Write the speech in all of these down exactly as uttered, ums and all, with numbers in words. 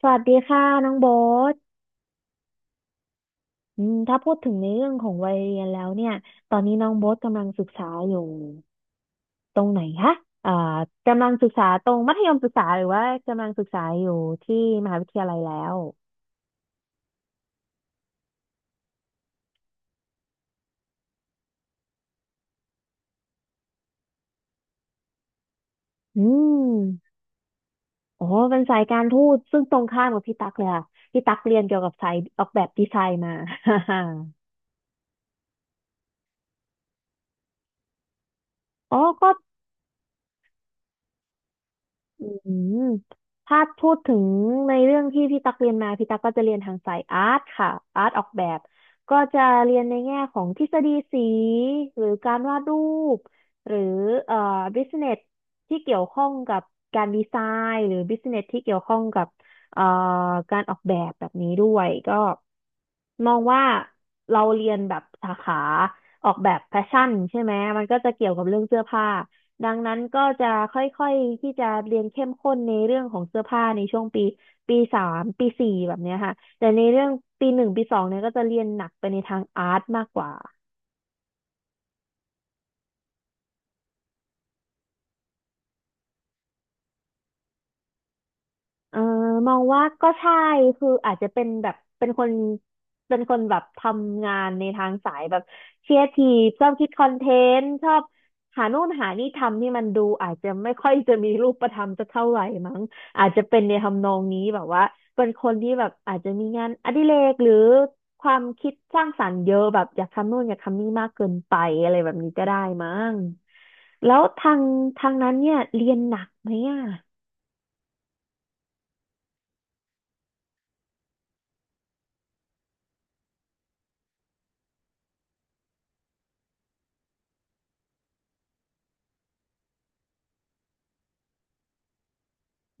สวัสดีค่ะน้องโบ๊ทอืมถ้าพูดถึงในเรื่องของวัยเรียนแล้วเนี่ยตอนนี้น้องโบ๊ทกำลังศึกษาอยู่ตรงไหนคะอ่ากำลังศึกษาตรงมัธยมศึกษาหรือว่ากำลังศึกษาอยู่ที่มหาวิทยาลัยแล้วอืมโอ้เป็นสายการทูตซึ่งตรงข้ามกับพี่ตั๊กเลยค่ะพี่ตั๊กเรียนเกี่ยวกับสายออกแบบดีไซน์มา อ๋อก็ อืมถ้าพูดถึงในเรื่องที่พี่ตักเรียนมาพี่ตักก็จะเรียนทางสายอาร์ตค่ะอาร์ตออกแบบก็จะเรียนในแง่ของทฤษฎีสีหรือการวาดรูปหรือเอ่อบิสเนสที่เกี่ยวข้องกับการดีไซน์หรือบิสเนสที่เกี่ยวข้องกับเอ่อการออกแบบแบบนี้ด้วยก็มองว่าเราเรียนแบบสาขาออกแบบแฟชั่นใช่ไหมมันก็จะเกี่ยวกับเรื่องเสื้อผ้า ดังนั้นก็จะค่อยๆที่จะเรียนเข้มข้นในเรื่องของเสื้อผ้าในช่วงปีปีสามปีสี่แบบเนี้ยค่ะแต่ในเรื่องปีหนึ่งปีสองเนี่ยก็จะเรียนหนักไปในทางอาร์ตมากกว่า เออมองว่าก็ใช่คืออาจจะเป็นแบบเป็นคนเป็นคนแบบทำงานในทางสายแบบเครีเอทีฟชอบคิดคอนเทนต์ชอบหานู่นหานี่ทำที่มันดูอาจจะไม่ค่อยจะมีรูปธรรมสักเท่าไหร่มั้งอาจจะเป็นในทำนองนี้แบบว่าเป็นคนที่แบบอาจจะมีงานอดิเรกหรือความคิดสร้างสรรค์เยอะแบบอยากทำนู่นอยากทำนี่มากเกินไปอะไรแบบนี้ก็ได้มั้งแล้วทางทางนั้นเนี่ยเรียนหนักไหมอ่ะ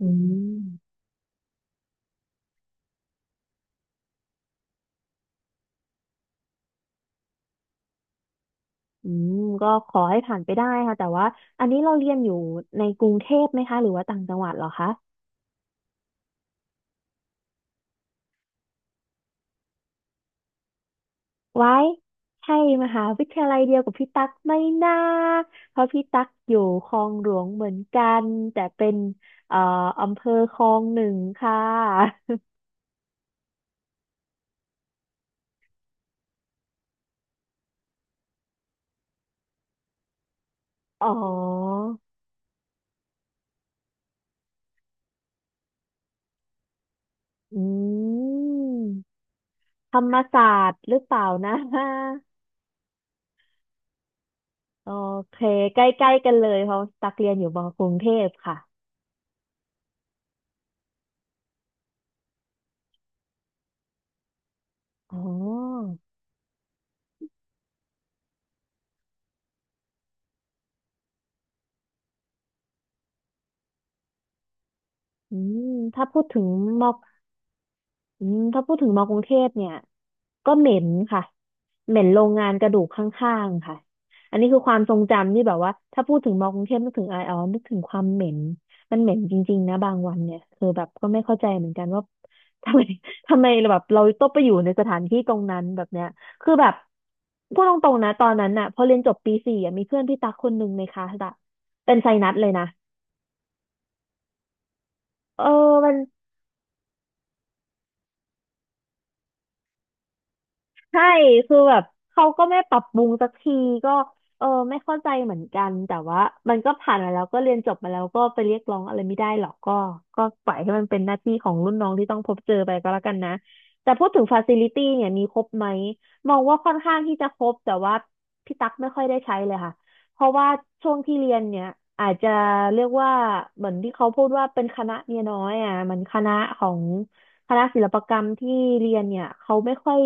อืม อืมก็ขอให้ผ่านไปได้ค่ะแต่ว่าอันนี้เราเรียนอยู่ในกรุงเทพไหมคะหรือว่าต่างจังหวัดเหรอคะไว้ใช่มหาวิทยาลัยเดียวกับพี่ตั๊กไม่น่าเพราะพี่ตั๊กอยู่คลองหลวงเหมือนกันแต่เป็นเอ่ออำเภอคลองหนึ่งค่ะ อ๋ออืมธรรมศาสตร์หรือเปล่านะ โอเคใกล้ๆกันเลยเพราะตักเรียนอยู่มอกรุงเทพค่ะอ๋ออืมถ้าพูดถึงม อืมถ้าพูดถึงมอกรุงเทพเนี่ยก็เหม็นค่ะเหม็นโรงงานกระดูกข้างๆค่ะอันนี้คือความทรงจำที่แบบว่าถ้าพูดถึงมอกรุงเทพนึกถึงไรออนึกถึงความเหม็นมันเหม็นจริงๆนะบางวันเนี่ยคือแบบก็ไม่เข้าใจเหมือนกันว่าทำไม ทำไมแบบเราต้องไปอยู่ในสถานที่ตรงนั้นแบบเนี้ยคือแบบพูดตรงๆนะตอนนั้นน่ะพอเรียนจบปีสี่อะมีเพื่อนพี่ตักคนหนึ่งในคลาสอะเป็นไซนัสเลยนะเออมัน ใช่คือแบบเขาก็ไม่ปรับปรุงสักทีก็เออไม่เข้าใจเหมือนกันแต่ว่ามันก็ผ่านมาแล้วก็เรียนจบมาแล้วก็ไปเรียกร้องอะไรไม่ได้หรอกก็ก็ปล่อยให้มันเป็นหน้าที่ของรุ่นน้องที่ต้องพบเจอไปก็แล้วกันนะแต่พูดถึงฟาซิลิตี้เนี่ยมีครบไหมมองว่าค่อนข้างที่จะครบแต่ว่าพี่ตั๊กไม่ค่อยได้ใช้เลยค่ะเพราะว่าช่วงที่เรียนเนี่ยอาจจะเรียกว่าเหมือนที่เขาพูดว่าเป็นคณะเมียน้อยอ่ะมันคณะของคณะศิลปกรรมที่เรียนเนี่ยเขาไม่ค่อย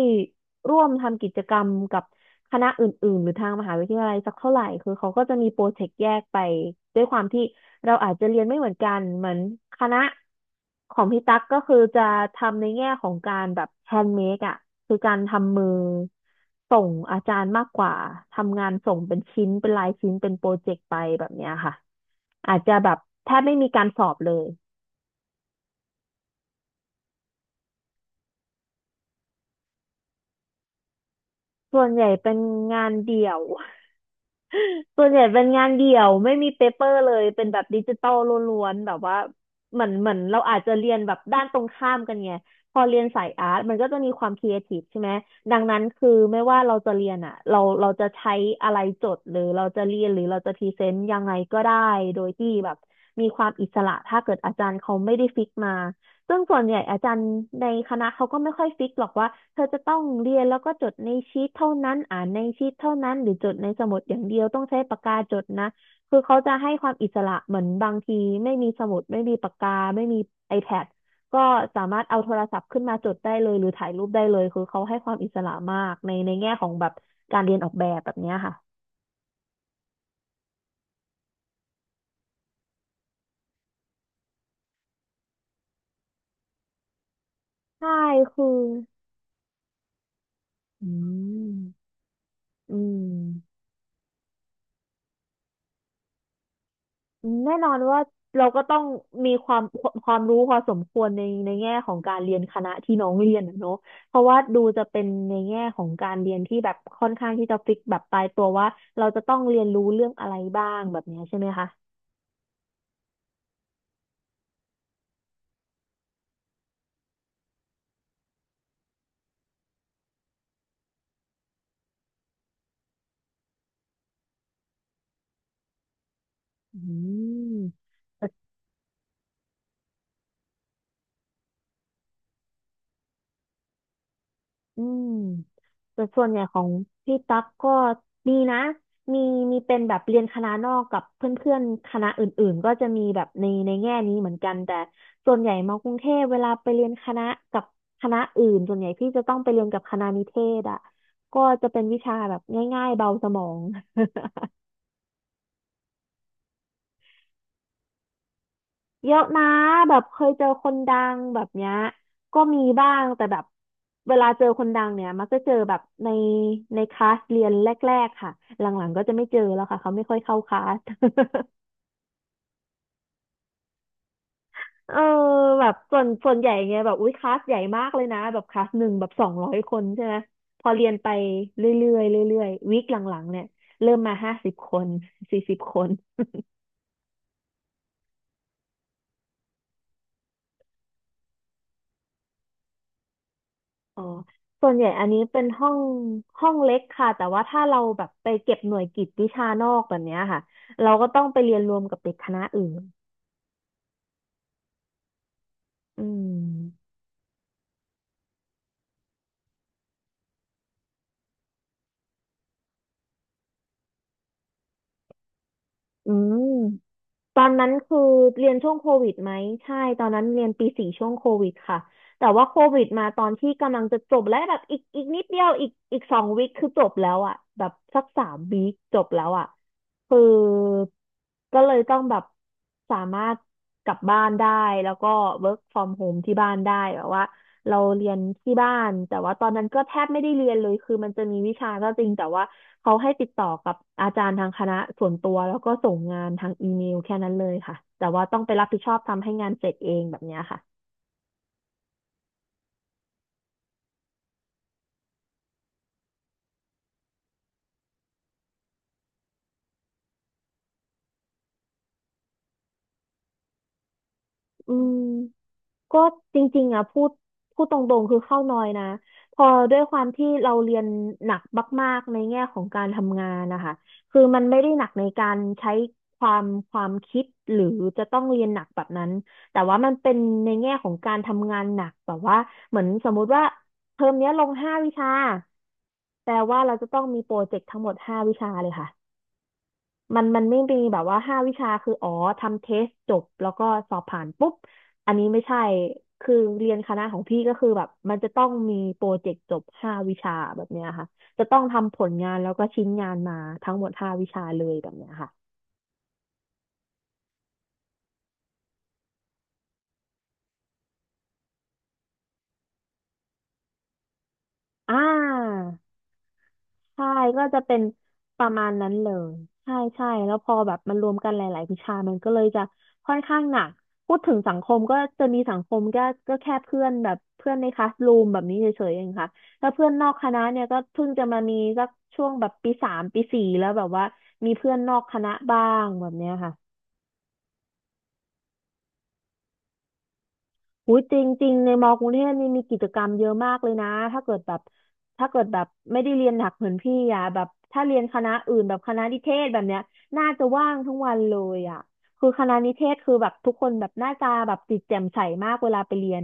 ร่วมทำกิจกรรมกับคณะอื่นๆหรือทางมหาวิทยาลัยสักเท่าไหร่คือเขาก็จะมีโปรเจกต์แยกไปด้วยความที่เราอาจจะเรียนไม่เหมือนกันเหมือนคณะของพี่ตั๊กก็คือจะทำในแง่ของการแบบแฮนด์เมดอ่ะคือการทำมือส่งอาจารย์มากกว่าทำงานส่งเป็นชิ้นเป็นลายชิ้นเป็นโปรเจกต์ไปแบบเนี้ยค่ะอาจจะแบบแทบไม่มีการสอบเลยส่วนใหญ่เป็นงานเดี่ยว ส่วนใหญ่เป็นงานเดี่ยวไม่มีเปเปอร์เลยเป็นแบบดิจิตอลล้วนๆแบบว่าเหมือนเหมือนเราอาจจะเรียนแบบด้านตรงข้ามกันไงพอเรียนสายอาร์ตมันก็จะมีความครีเอทีฟใช่ไหมดังนั้นคือไม่ว่าเราจะเรียนอ่ะเราเราจะใช้อะไรจดหรือเราจะเรียนหรือเราจะพรีเซนต์ยังไงก็ได้โดยที่แบบมีความอิสระถ้าเกิดอาจารย์เขาไม่ได้ฟิกมา ซึ่งส่วนใหญ่อาจารย์ในคณะเขาก็ไม่ค่อยฟิกหรอกว่าเธอจะต้องเรียนแล้วก็จดในชีทเท่านั้นอ่านในชีทเท่านั้นหรือจดในสมุดอย่างเดียวต้องใช้ปากกาจดนะคือเขาจะให้ความอิสระเหมือนบางทีไม่มีสมุดไม่มีปากกาไม่มี iPad ก็สามารถเอาโทรศัพท์ขึ้นมาจดได้เลยหรือถ่ายรูปได้เลยคือเขาให้ความอิสระมากในในแง่ของแบบการเรียนออกแบบแบบเนี้ยค่ะใช่คืออืมอืม แน่นอนว่าเราก็ต้องมีความความรู้พอสมควรในในแง่ของการเรียนคณะที่น้องเรียนอะเนาะเพราะว่าดูจะเป็นในแง่ของการเรียนที่แบบค่อนข้างที่จะฟิกแบบตายตัวว่าเราจะต้องเรียนรู้เรื่องอะไรบ้างแบบเนี้ยใช่ไหมคะอืม อืมแต่ส่วนใหญ่ของพี่ตั๊กก็มีนะมีมีเป็นแบบเรียนคณะนอกกับเพื่อนๆคณะอื่นๆก็จะมีแบบในในแง่นี้เหมือนกันแต่ส่วนใหญ่มากรุงเทพเวลาไปเรียนคณะกับคณะอื่นส่วนใหญ่พี่จะต้องไปเรียนกับคณะนิเทศอ่ะก็จะเป็นวิชาแบบง่ายๆเบาสมอง เยอะนะแบบเคยเจอคนดังแบบเนี้ยก็มีบ้างแต่แบบเวลาเจอคนดังเนี่ยมักจะเจอแบบในในคลาสเรียนแรกๆค่ะหลังๆก็จะไม่เจอแล้วค่ะเขาไม่ค่อยเข้าคลาส เออแบบส่วนส่วนใหญ่เงี้ยแบบอุ้ยคลาสใหญ่มากเลยนะแบบคลาสหนึ่งแบบสองร้อยคนใช่ไหมพอเรียนไปเรื่อยๆเรื่อยๆวีคหลังๆเนี่ยเริ่มมาห้าสิบคนสี่สิบคน อ๋อส่วนใหญ่อันนี้เป็นห้องห้องเล็กค่ะ แต่ว่าถ้าเราแบบไปเก็บหน่วยกิตวิชานอกแบบเนี้ยค่ะ เราก็ต้องไปเรียนรวมกับเด็กคณะอื่นอืมอืม ตอนนั้นคือเรียนช่วงโควิดไหมใช่ตอนนั้นเรียนปีสี่ช่วงโควิดค่ะแต่ว่าโควิดมาตอนที่กำลังจะจบและแบบอีกอีกนิดเดียวอีกอีกสองวิคคือจบแล้วอ่ะแบบสักสามวีคจบแล้วอ่ะคือก็เลยต้องแบบสามารถกลับบ้านได้แล้วก็ work from home ที่บ้านได้แบบว่า เราเรียนที่บ้านแต่ว่าตอนนั้นก็แทบไม่ได้เรียนเลยคือมันจะมีวิชาก็จริงแต่ว่าเขาให้ติดต่อกับอาจารย์ทางคณะส่วนตัวแล้วก็ส่งงานทางอีเมลแค่นั้นเลยค่ะแต่ว่าต้องไปรับผิดชอบทำให้งานเสร็จเองแบบเนี้ยค่ะ อืมก็จริงๆอ่ะพูดพูดตรงๆคือเข้าน้อยนะพอด้วยความที่เราเรียนหนักมากๆในแง่ของการทำงานนะคะคือมันไม่ได้หนักในการใช้ความความคิดหรือจะต้องเรียนหนักแบบนั้นแต่ว่ามันเป็นในแง่ของการทำงานหนักแบบว่าเหมือนสมมุติว่าเทอมเนี้ยลงห้าวิชาแปลว่าเราจะต้องมีโปรเจกต์ทั้งหมดห้าวิชาเลยค่ะ มันมันไม่มีแบบว่าห้าวิชาคืออ๋อทำเทสจบแล้วก็สอบผ่านปุ๊บอันนี้ไม่ใช่คือเรียนคณะของพี่ก็คือแบบมันจะต้องมีโปรเจกต์จบห้าวิชาแบบเนี้ยค่ะจะต้องทำผลงานแล้วก็ชิ้นงานมาทั้งหมดห้าวิชาเลยแบบเนี้ยค่ะอ่า ใช่ก็จะเป็นประมาณนั้นเลยใช่ใช่แล้วพอแบบมันรวมกันหลายๆวิชามันก็เลยจะค่อนข้างหนักพูดถึงสังคมก็จะมีสังคมก็ก็แค่เพื่อนแบบเพื่อนในคลาสรูมแบบนี้เฉยๆ เองค่ะแล้วเพื่อนนอกคณะเนี่ยก็เพิ่งจะมามีสักช่วงแบบปีสามปีสี่แล้วแบบว่ามีเพื่อนนอกคณะบ้างแบบเนี้ยค่ะ อุ้ยจริงๆในมอกรุงเทพนี่มีกิจกรรมเยอะมากเลยนะถ้าเกิดแบบถ้าเกิดแบบไม่ได้เรียนหนักเหมือนพี่อ่ะแบบถ้าเรียนคณะอื่นแบบคณะนิเทศแบบเนี้ยน่าจะว่างทั้งวันเลยอ่ะคือคณะนิเทศคือแบบทุกคนแบบหน้าตาแบบจิตแจ่มใสมากเวลาไปเรียน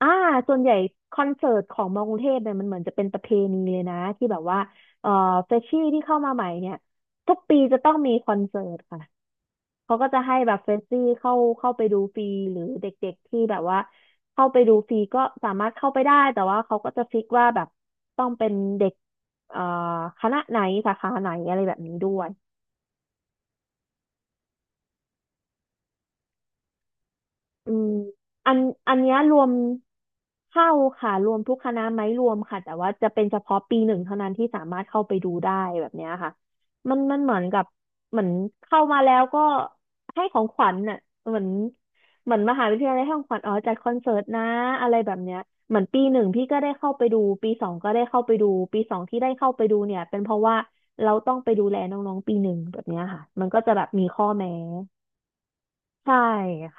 อ่าส่วนใหญ่คอนเสิร์ตของมอกรุงเทพเนี่ยมันเหมือนจะเป็นประเพณีเลยนะที่แบบว่าเอ่อเฟชชี่ที่เข้ามาใหม่เนี่ยทุกปีจะต้องมีคอนเสิร์ตค่ะ เขาก็จะให้แบบเฟรชชี่เข้าเข้าไปดูฟรีหรือเด็กๆที่แบบว่าเข้าไปดูฟรีก็สามารถเข้าไปได้แต่ว่าเขาก็จะฟิกว่าแบบต้องเป็นเด็กเอ่อคณะไหนสาขาไหนอะไรแบบนี้ด้วย อืมอันอันเนี้ยรวมเข้าค่ะรวมทุกคณะไหมรวมค่ะแต่ว่าจะเป็นเฉพาะปีหนึ่งเท่านั้นที่สามารถเข้าไปดูได้แบบเนี้ยค่ะมันมันเหมือนกับเหมือนเข้ามาแล้วก็ให้ของขวัญน่ะเหมือนเหมือนมหาวิทยาลัยให้ของขวัญอ๋อจัดคอนเสิร์ตนะอะไรแบบเนี้ยเหมือนปีหนึ่งพี่ก็ได้เข้าไปดูปีสองก็ได้เข้าไปดูปีสองที่ได้เข้าไปดูเนี่ยเป็นเพราะว่าเราต้องไปดูแลน้องๆปีหนึ่งแบบเนี้ยค่ะมันก็จะแบบมีข้อแม้ ใช่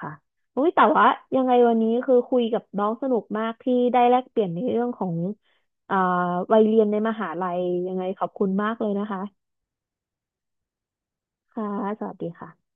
ค่ะอุ้ยแต่ว่ายังไงวันนี้คือคุยกับน้องสนุกมากที่ได้แลกเปลี่ยนในเรื่องของอ่าวัยเรียนในมหาลัยยังไงขอบคุณมากเลยนะคะค่ะสวัสดีค่ะ